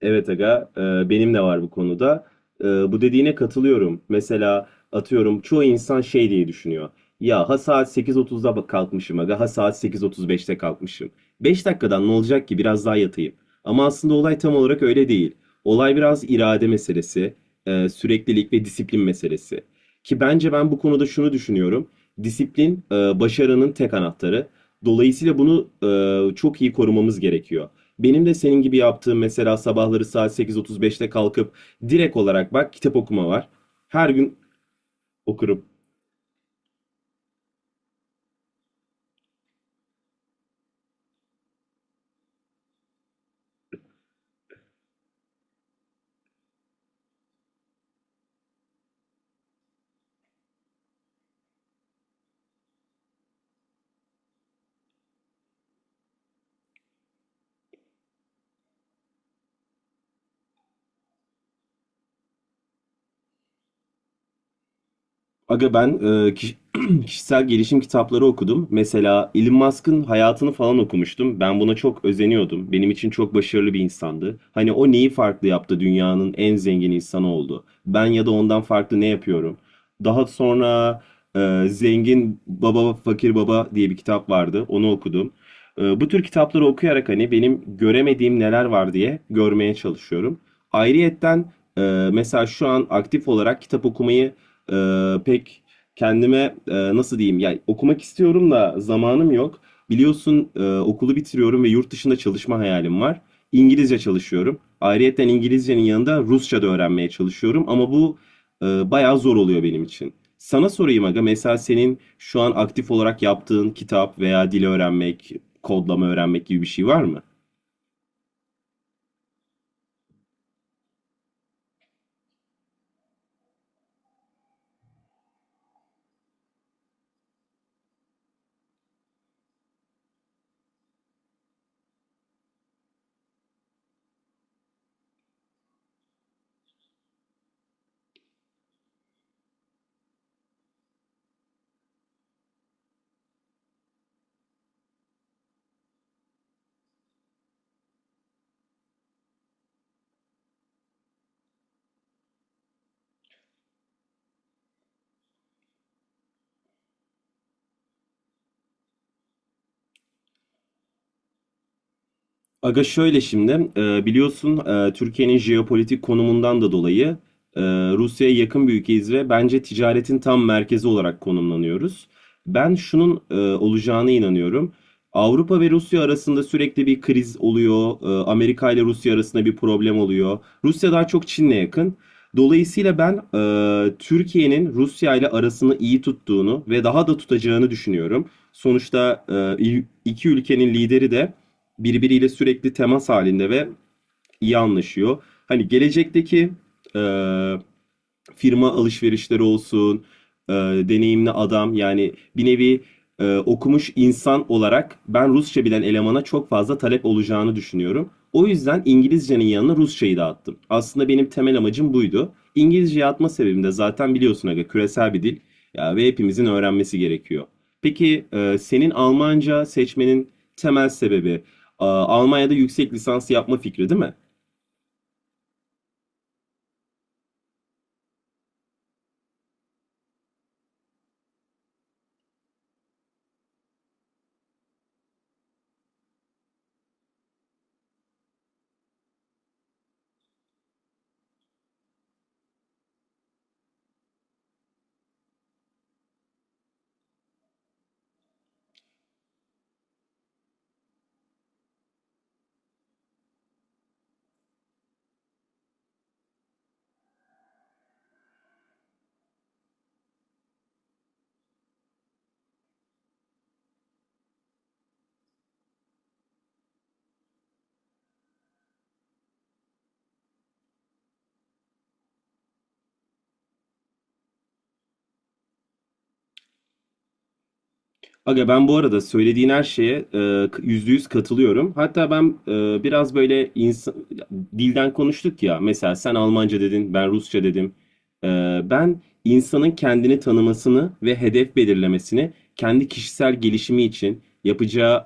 Evet aga, benim de var bu konuda. Bu dediğine katılıyorum. Mesela atıyorum çoğu insan şey diye düşünüyor. Ya ha saat 8:30'da kalkmışım aga, ha saat 8:35'te kalkmışım. 5 dakikadan ne olacak ki biraz daha yatayım. Ama aslında olay tam olarak öyle değil. Olay biraz irade meselesi, süreklilik ve disiplin meselesi. Ki bence ben bu konuda şunu düşünüyorum. Disiplin başarının tek anahtarı. Dolayısıyla bunu çok iyi korumamız gerekiyor. Benim de senin gibi yaptığım mesela sabahları saat 8:35'te kalkıp direkt olarak bak kitap okuma var. Her gün okurum. Aga ben kişisel gelişim kitapları okudum. Mesela Elon Musk'ın hayatını falan okumuştum. Ben buna çok özeniyordum. Benim için çok başarılı bir insandı. Hani o neyi farklı yaptı? Dünyanın en zengin insanı oldu. Ben ya da ondan farklı ne yapıyorum? Daha sonra Zengin Baba Fakir Baba diye bir kitap vardı. Onu okudum. Bu tür kitapları okuyarak hani benim göremediğim neler var diye görmeye çalışıyorum. Ayrıyetten e, mesela şu an aktif olarak kitap okumayı pek kendime nasıl diyeyim yani okumak istiyorum da zamanım yok. Biliyorsun okulu bitiriyorum ve yurt dışında çalışma hayalim var. İngilizce çalışıyorum. Ayrıyeten İngilizcenin yanında Rusça da öğrenmeye çalışıyorum ama bu bayağı zor oluyor benim için. Sana sorayım aga, mesela senin şu an aktif olarak yaptığın kitap veya dil öğrenmek, kodlama öğrenmek gibi bir şey var mı? Aga şöyle şimdi biliyorsun Türkiye'nin jeopolitik konumundan da dolayı e, Rusya'ya yakın bir ülkeyiz ve bence ticaretin tam merkezi olarak konumlanıyoruz. Ben şunun olacağına inanıyorum. Avrupa ve Rusya arasında sürekli bir kriz oluyor. Amerika ile Rusya arasında bir problem oluyor. Rusya daha çok Çin'le yakın. Dolayısıyla ben Türkiye'nin Rusya ile arasını iyi tuttuğunu ve daha da tutacağını düşünüyorum. Sonuçta e, iki ülkenin lideri de birbiriyle sürekli temas halinde ve iyi anlaşıyor. Hani gelecekteki eee, firma alışverişleri olsun, e, deneyimli adam yani bir nevi okumuş insan olarak ben Rusça bilen elemana çok fazla talep olacağını düşünüyorum. O yüzden İngilizcenin yanına Rusçayı da attım. Aslında benim temel amacım buydu. İngilizceyi atma sebebim de zaten biliyorsun aga, küresel bir dil ya ve hepimizin öğrenmesi gerekiyor. Peki senin Almanca seçmenin temel sebebi Almanya'da yüksek lisans yapma fikri değil mi? Aga ben bu arada söylediğin her şeye yüzde yüz katılıyorum. Hatta ben biraz böyle insan, dilden konuştuk ya. Mesela sen Almanca dedin, ben Rusça dedim. E, Ben insanın kendini tanımasını ve hedef belirlemesini kendi kişisel gelişimi için yapacağı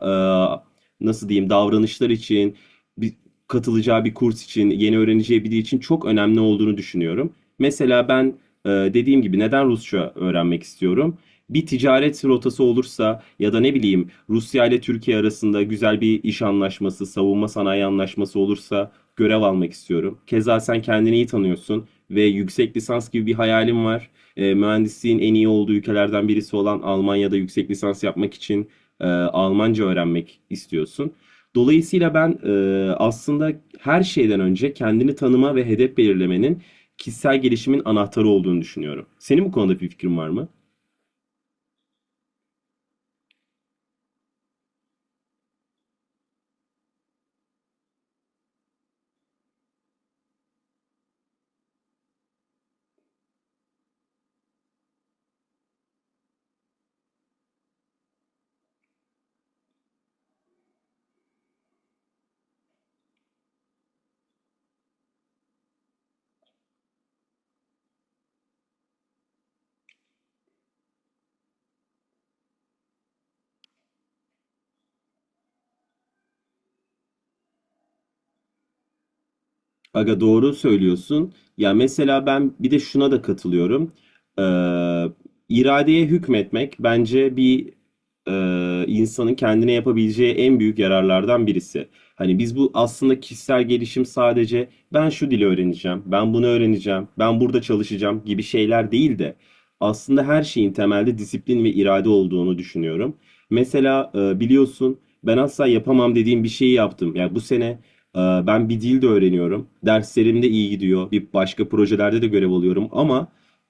nasıl diyeyim davranışlar için, bir, katılacağı bir kurs için, yeni öğreneceği biri için çok önemli olduğunu düşünüyorum. Mesela ben dediğim gibi, neden Rusça öğrenmek istiyorum? Bir ticaret rotası olursa ya da ne bileyim Rusya ile Türkiye arasında güzel bir iş anlaşması, savunma sanayi anlaşması olursa görev almak istiyorum. Keza sen kendini iyi tanıyorsun ve yüksek lisans gibi bir hayalim var. Mühendisliğin en iyi olduğu ülkelerden birisi olan Almanya'da yüksek lisans yapmak için Almanca öğrenmek istiyorsun. Dolayısıyla ben aslında her şeyden önce kendini tanıma ve hedef belirlemenin kişisel gelişimin anahtarı olduğunu düşünüyorum. Senin bu konuda bir fikrin var mı? Aga doğru söylüyorsun. Ya mesela ben bir de şuna da katılıyorum. Ee, iradeye hükmetmek bence bir, insanın kendine yapabileceği en büyük yararlardan birisi. Hani biz bu aslında, kişisel gelişim sadece ben şu dili öğreneceğim, ben bunu öğreneceğim, ben burada çalışacağım gibi şeyler değil de aslında her şeyin temelde disiplin ve irade olduğunu düşünüyorum. Mesela biliyorsun, ben asla yapamam dediğim bir şeyi yaptım. Ya bu sene ee, ben bir dil de öğreniyorum. Derslerimde iyi gidiyor. Bir başka projelerde de görev alıyorum ama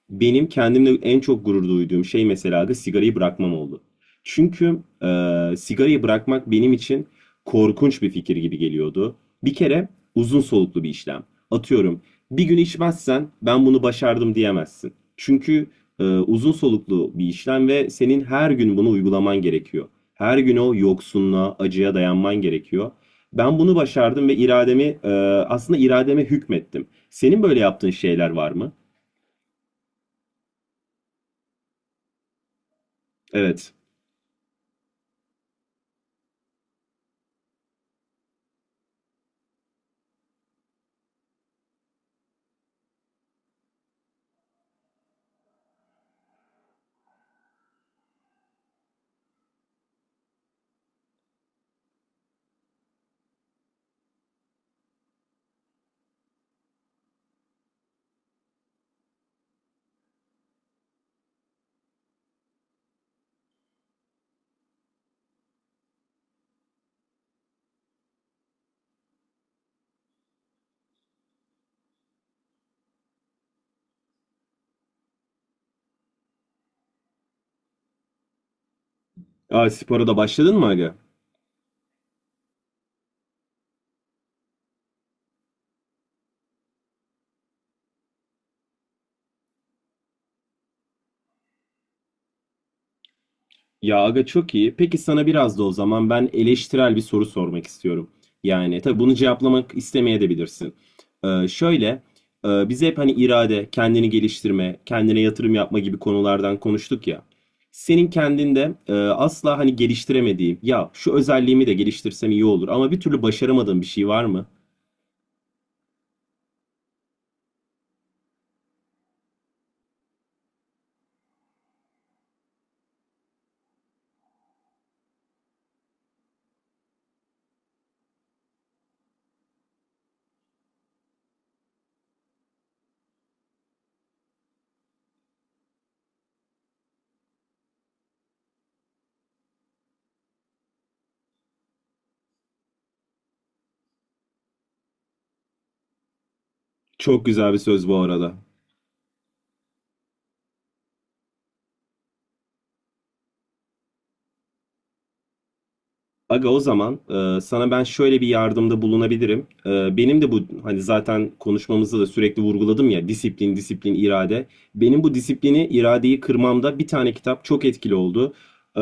benim kendimle en çok gurur duyduğum şey mesela da sigarayı bırakmam oldu. Çünkü sigarayı bırakmak benim için korkunç bir fikir gibi geliyordu. Bir kere uzun soluklu bir işlem. Atıyorum, bir gün içmezsen ben bunu başardım diyemezsin. Çünkü uzun soluklu bir işlem ve senin her gün bunu uygulaman gerekiyor. Her gün o yoksunluğa, acıya dayanman gerekiyor. Ben bunu başardım ve aslında irademe hükmettim. Senin böyle yaptığın şeyler var mı? Evet. Aa, spora da başladın mı aga? Ya aga çok iyi. Peki sana biraz da o zaman ben eleştirel bir soru sormak istiyorum. Yani tabii bunu cevaplamak istemeyebilirsin. Şöyle, biz hep hani irade, kendini geliştirme, kendine yatırım yapma gibi konulardan konuştuk ya. Senin kendinde asla hani geliştiremediğin, ya şu özelliğimi de geliştirsem iyi olur ama bir türlü başaramadığın bir şey var mı? Çok güzel bir söz bu arada. Aga o zaman sana ben şöyle bir yardımda bulunabilirim. Benim de bu, hani zaten konuşmamızda da sürekli vurguladım ya, disiplin, disiplin, irade. Benim bu disiplini, iradeyi kırmamda bir tane kitap çok etkili oldu. E,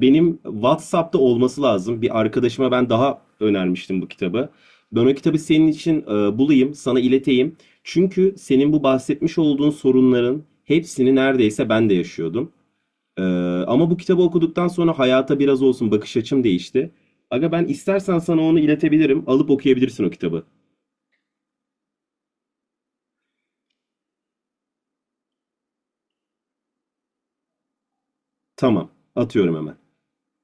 Benim WhatsApp'ta olması lazım. Bir arkadaşıma ben daha önermiştim bu kitabı. Ben o kitabı senin için bulayım, sana ileteyim. Çünkü senin bu bahsetmiş olduğun sorunların hepsini neredeyse ben de yaşıyordum. Ee, Ama bu kitabı okuduktan sonra hayata biraz olsun bakış açım değişti. Aga ben istersen sana onu iletebilirim. Alıp okuyabilirsin o kitabı. Tamam. Atıyorum hemen.